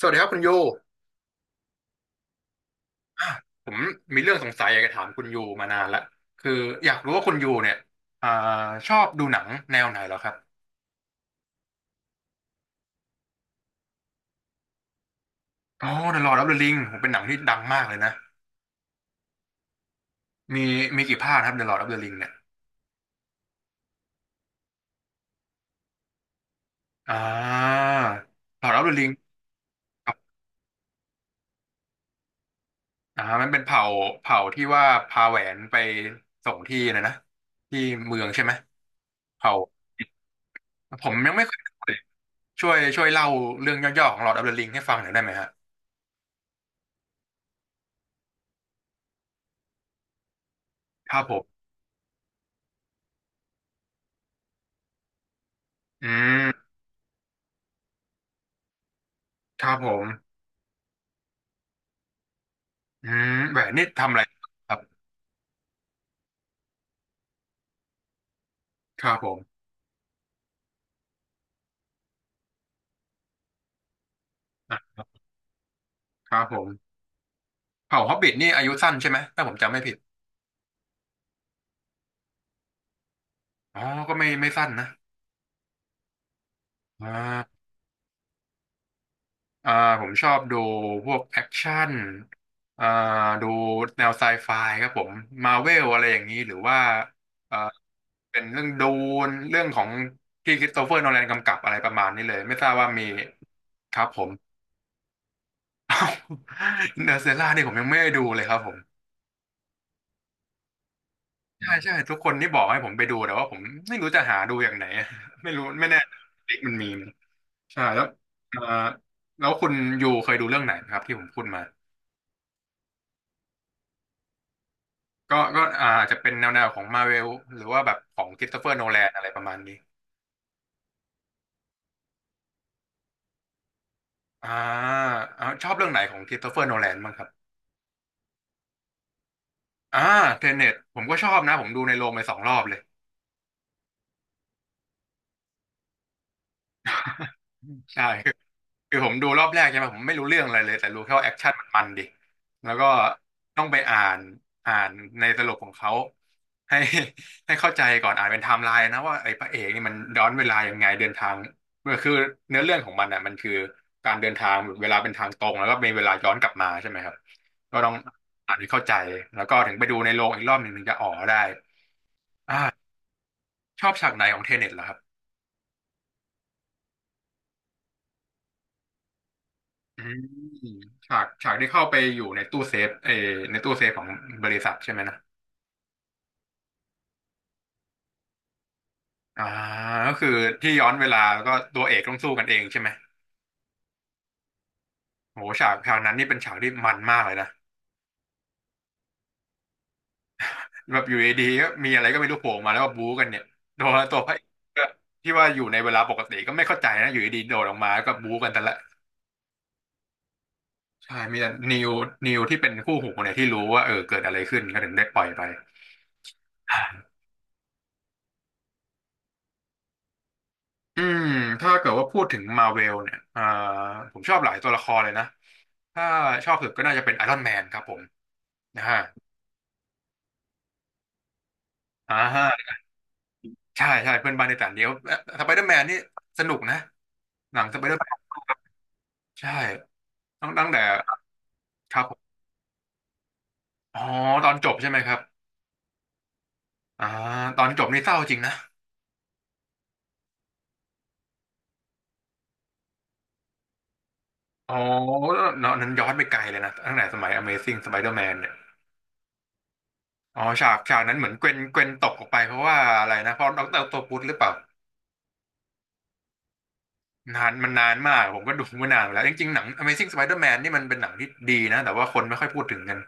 สวัสดีครับคุณยูผมมีเรื่องสงสัยอยากจะถามคุณยูมานานละคืออยากรู้ว่าคุณยูเนี่ยอ่าชอบดูหนังแนวไหนเหรอครับอ๋อ The Lord of the Ring ผมเป็นหนังที่ดังมากเลยนะมีมีกี่ภาคครับ The Lord of the Ring เนี่ยอ่า Lord of the Ring ครับมันเป็นเผ่าที่ว่าพาแหวนไปส่งที่นะนะที่เมืองใช่ไหมเผ่าผมยังไม่เคยดูเลยช่วยเล่าเรื่องย่อๆของ Lord of the Ring ให้ฟังหน่อยได้ไหมฮะครับผมอืมครับผม แหวนนี่ทำอะไรครับ ครับผมอ่ะครับผมเผ่าฮอบบิทนี่อายุสั้นใช่ไหมถ้าผมจำไม่ผิด อ๋อ ก็ไม่สั้นนะอ่าอ่าผมชอบดูพวกแอคชั่นอ่าดูแนวไซไฟครับผมมาเวลอะไรอย่างนี้หรือว่าเอ่อเป็นเรื่องดูนเรื่องของที่คริสโตเฟอร์โนแลนกำกับอะไรประมาณนี้เลย ไม่ทราบว่ามีครับผม เนเตอร์เซล่านี่ผมยังไม่ได้ดูเลยครับผม ใช่ใช่ทุกคนที่บอกให้ผมไปดูแต่ว่าผมไม่รู้จะหาดูอย่างไหน ไม่รู้ไม่แน่เด็กมันมีไหมใช่แล้วเอ่อแล้วคุณยูเคยดูเรื่องไหนครับที่ผมพูดมาก็อาจจะเป็นแนวของมาเวลหรือว่าแบบของค h ิส s ตเฟอร์โนแลนอะไรประมาณนี้อ่าชอบเรื่องไหนของค h ิส s ตเฟอร์โนแลนบ้างครับอ่าเทเน็ตผมก็ชอบนะผมดูในโรงไปสองรอบเลยใช่ คือผมดูรอบแรกใช่ไหมผมไม่รู้เรื่องอะไรเลยแต่รู้แค่ว่าแอคชั่นมันดิแล้วก็ต้องไปอ่านในสรุปของเขาให้ ให้เข้าใจก่อนอ่านเป็นไทม์ไลน์นะว่าไอ้พระเอกนี่มันย้อนเวลายังไงเดินทางมันคือเนื้อเรื่องของมันอ่ะมันคือการเดินทางเวลาเป็นทางตรงแล้วก็มีเวลาย้อนกลับมาใช่ไหมครับก็ต้องอ่านให้เข้าใจแล้วก็ถึงไปดูในโรงอีกรอบหนึ่งถึงจะอ๋อได้อ่าชอบฉากไหนของเทเน็ตเหรอครับ อืมฉากที่เข้าไปอยู่ในตู้เซฟในตู้เซฟของบริษัทใช่ไหมนะอ่าก็คือที่ย้อนเวลาแล้วก็ตัวเอกต้องสู้กันเองใช่ไหมโหฉากนั้นนี่เป็นฉากที่มันมากเลยนะแบบอยู่ดีๆก็มีอะไรก็ไม่รู้โผล่มาแล้วก็บู๊กันเนี่ยตัวพระเอกก็ที่ว่าอยู่ในเวลาปกติก็ไม่เข้าใจนะอยู่ดีๆโดดออกมาแล้วก็บู๊กันแต่ละใช่มีแต่นิวที่เป็นคู่หูเนี่ยที่รู้ว่าเออเกิดอะไรขึ้นก็ถึงได้ปล่อยไปอืมถ้าเกิดว่าพูดถึงมาเวลเนี่ยผมชอบหลายตัวละครเลยนะ ถ้าชอบสุดก็น่าจะเป็นไอรอนแมนครับผมนะฮะอ่าฮะใช่ใช่เพื่อนบ้านในต่างเดียวสไปเดอร์แมนนี่สนุกนะหนังสไปเดอร์แมนใช่ตั้งแต่ครับผมอ๋อตอนจบใช่ไหมครับอ่าตอนจบนี่เศร้าจริงนะอ๋อเนาะนั้นย้อนไปไกลเลยนะตั้งแต่สมัย Amazing Spider-Man เนี่ยอ๋อฉากนั้นเหมือนเกวนตกออกไปเพราะว่าอะไรนะเพราะดอกเตอร์ออคโตปุสหรือเปล่านานมันนานมากผมก็ดูมานานแล้วจริงๆหนัง Amazing Spider-Man นี่มันเป็นหนังที่ดีนะแต่ว่าคนไม่ค่อยพูดถึงกัน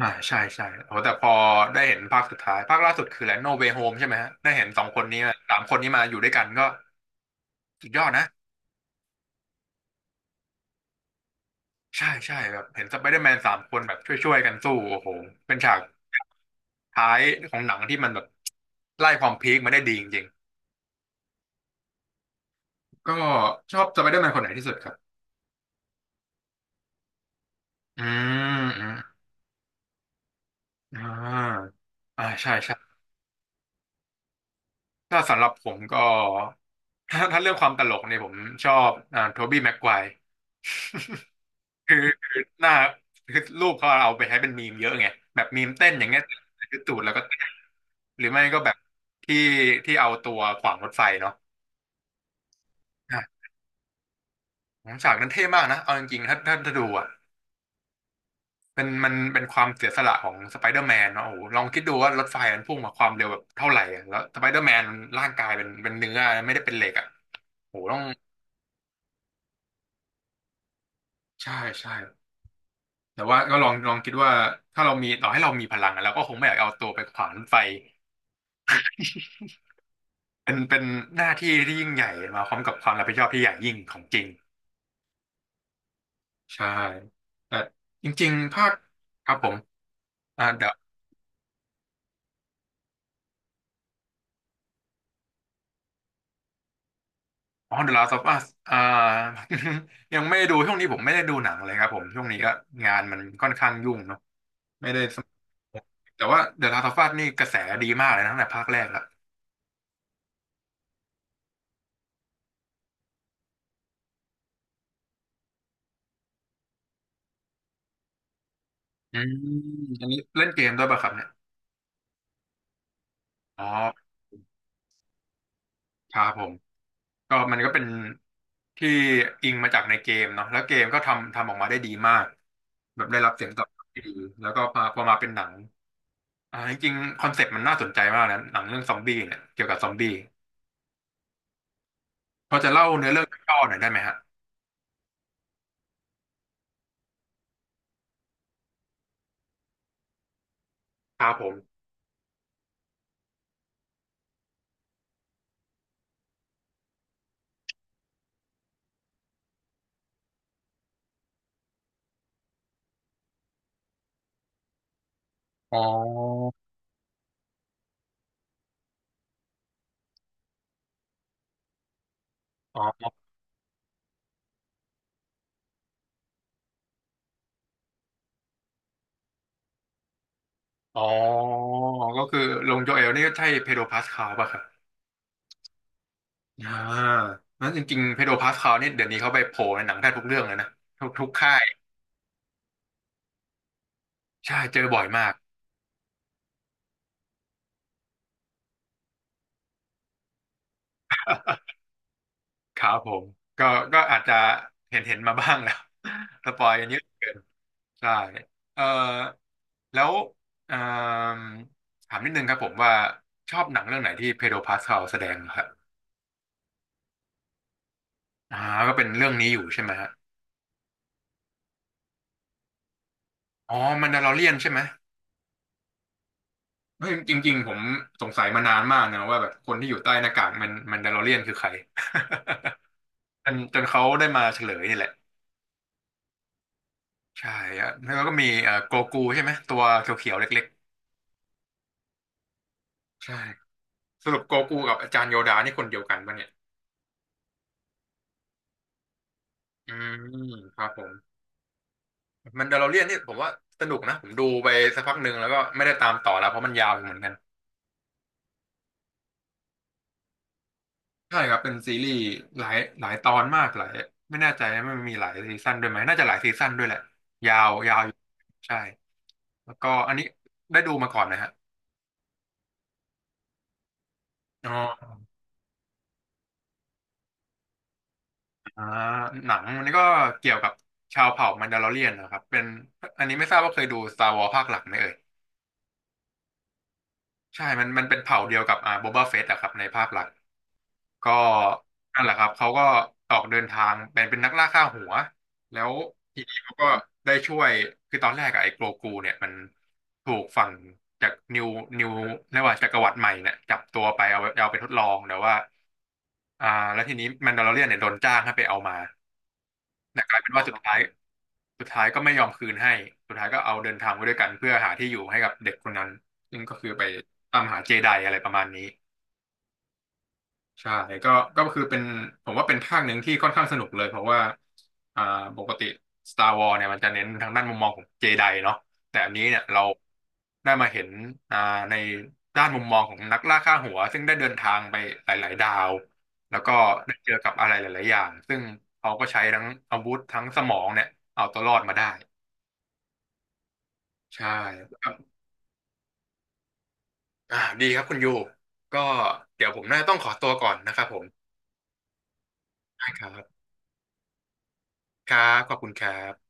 ใช่ใช่โอ้แต่พอได้เห็นภาคสุดท้ายภาคล่าสุดคืออะไรโนเวโฮมใช่ไหมฮะได้เห็นสองคนนี้มาสามคนนี้มาอยู่ด้วยกันก็สุดยอดนะใช่ใช่แบบเห็นสไปเดอร์แมนสามคนแบบช่วยๆกันสู้โอ้โหเป็นฉากท้ายของหนังที่มันแบบไล่ความพีคมาได้ดีจริงๆก็ชอบสไปเดอร์แมนคนไหนที่สุดครับอืมอืมอ่าใช่ใช่ถ้าสำหรับผมก็ถ้าเรื่องความตลกเนี่ยผมชอบโทบี้แม็กไกวร์ คือคือหน้าคือรูปเขาเอาไปใช้เป็นมีมเยอะไงแบบมีมเต้นอย่างเงี้ยคือตูดแล้วก็เต้นหรือไม่ก็แบบที่ที่เอาตัวขวางรถไฟเนาะอ่ะฉากนั้นเท่มากนะเอาจริงๆถ้าดูอ่ะเป็นมันเป็นความเสียสละของสไปเดอร์แมนเนาะโอ้โหลองคิดดูว่ารถไฟมันพุ่งมาความเร็วแบบเท่าไหร่อะแล้วสไปเดอร์แมนร่างกายเป็นเนื้อไม่ได้เป็นเหล็กอ่ะโอ้โหต้องใช่ใช่แต่ว่าก็ลองคิดว่าถ้าเรามีต่อให้เรามีพลังอะเราก็คงไม่อยากเอาตัวไปขวางรถไฟ เป็นหน้าที่ที่ยิ่งใหญ่มาพร้อมกับความรับผิดชอบที่ใหญ่ยิ่งของจริงใช่แต่จริงๆภาคครับผมอ่าเดี๋อ๋อ The Last of Us อ่า ยังไม่ได้ดูช่วงนี้ผมไม่ได้ดูหนังเลยครับผมช่วงนี้ก็งานมันค่อนข้างยุ่งเนาะไม่ได้สมแต่ว่า The Last of Us นี่กระแสดีมากเลยนะตั้งแต่ภาคแรกละอืมอันนี้เล่นเกมด้วยป่ะครับเนี่ยอ๋อครับผม มันก็เป็นที่อิงมาจากในเกมเนาะแล้วเกมก็ทำออกมาได้ดีมากแบบได้รับเสียงตอบรับที่ดีแล้วก็พอมาเป็นหนังอ่าจริงๆคอนเซ็ปต์มันน่าสนใจมากนะหนังเรื่องซอมบี้เนี่ยเกี่ยวกับซอมบี้พอจะเล่าเนื้อเรื่องย่อหน่อยได้ไหมฮะครับผมอ๋ออ๋ออ๋อก็คือลงโจเอลนี่ก็ใช่เพโดรพาสคาลป่ะครับอ่านั้นจริงๆเพโดรพาสคาลนี่เดี๋ยวนี้เขาไปโผล่ในหนังแทบทุกเรื่องเลยนะทุกค่ายใช่เจอบ่อยมาก ครับผมก็ก็อาจจะเห็นมาบ้างแล้ว สปอยกันเยอะเกินใช่เออแล้วเอิ่มถามนิดนึงครับผมว่าชอบหนังเรื่องไหนที่เพโดรพาสคาลแสดงเรครับอ่าก็เป็นเรื่องนี้อยู่ใช่ไหมฮะอ๋อมันดา l อเรียนใช่ไหมเฮ้ยจริงๆผมสงสัยมานานมากนะว่าแบบคนที่อยู่ใต้หน้ากากมันมันดาลอเรียนคือใคร จนเขาได้มาเฉลยนี่แหละใช่อะแล้วก็มีโกกูใช่ไหมตัวเขียวๆเล็กๆใช่ สรุปโกกูกับอาจารย์โยดานี่คนเดียวกันปะเนี่ยอืมครับผมมันเดลโลเรียนนี่ผมว่าสนุกนะ ผมดูไปสักพักหนึ่งแล้วก็ไม่ได้ตามต่อแล้วเพราะมันยาวเหมือนกัน ใช่ครับเป็นซีรีส์หลายตอนมากหลายไม่แน่ใจนะมันมีหลายซีซั่นด้วยไหมน่าจะหลายซีซั่นด้วยแหละ ยาว ยาวอยู่ ใช่ แล้วก็อันนี้ได้ดูมาก่อนนะฮะ อ๋ออ่าหนังอันนี้ก็เกี่ยวกับชาวเผ่ามันดาโลอเรียนนะครับเป็นอันนี้ไม่ทราบว่าเคยดู Star Wars ภาคหลักไหมเอ่ยใช่มันเป็นเผ่าเดียวกับอ่าโบบาเฟตอะครับในภาคหลัก ก็นั่นแหละครับเขาก็ออกเดินทางเป็นนักล่าค่าหัวแล้วทีนี้เขาก็ได้ช่วยคือตอนแรกอะไอ้โกรกูเนี่ยมันถูกฝั่งจากนิวเรียกว่าจักรวรรดิใหม่เนี่ยจับตัวไปเอาไปทดลองแต่ว่าอ่าแล้วทีนี้แมนดาลอเรียนเนี่ยโดนจ้างให้ไปเอามาแต่กลายเป็นว่าสุดท้ายก็ไม่ยอมคืนให้สุดท้ายก็เอาเดินทางไปด้วยกันเพื่อหาที่อยู่ให้กับเด็กคนนั้นซึ่งก็คือไปตามหาเจไดอะไรประมาณนี้ ใช่ก็ก็คือเป็นผมว่าเป็นภาคหนึ่งที่ค่อนข้างสนุกเลยเพราะว่าอ่าปกติ Star Wars เนี่ยมันจะเน้นทางด้านมุมมองของเจไดเนาะแต่อันนี้เนี่ยเราได้มาเห็นอ่าในด้านมุมมองของนักล่าค่าหัวซึ่งได้เดินทางไปหลายๆดาวแล้วก็ได้เจอกับอะไรหลายๆอย่างซึ่งเขาก็ใช้ทั้งอาวุธทั้งสมองเนี่ยเอาตัวรอดมาได้ใช่ครับอ่าดีครับคุณยูก็เดี๋ยวผมน่าจะต้องขอตัวก่อนนะครับผมได้ครับครับขอบคุณครับ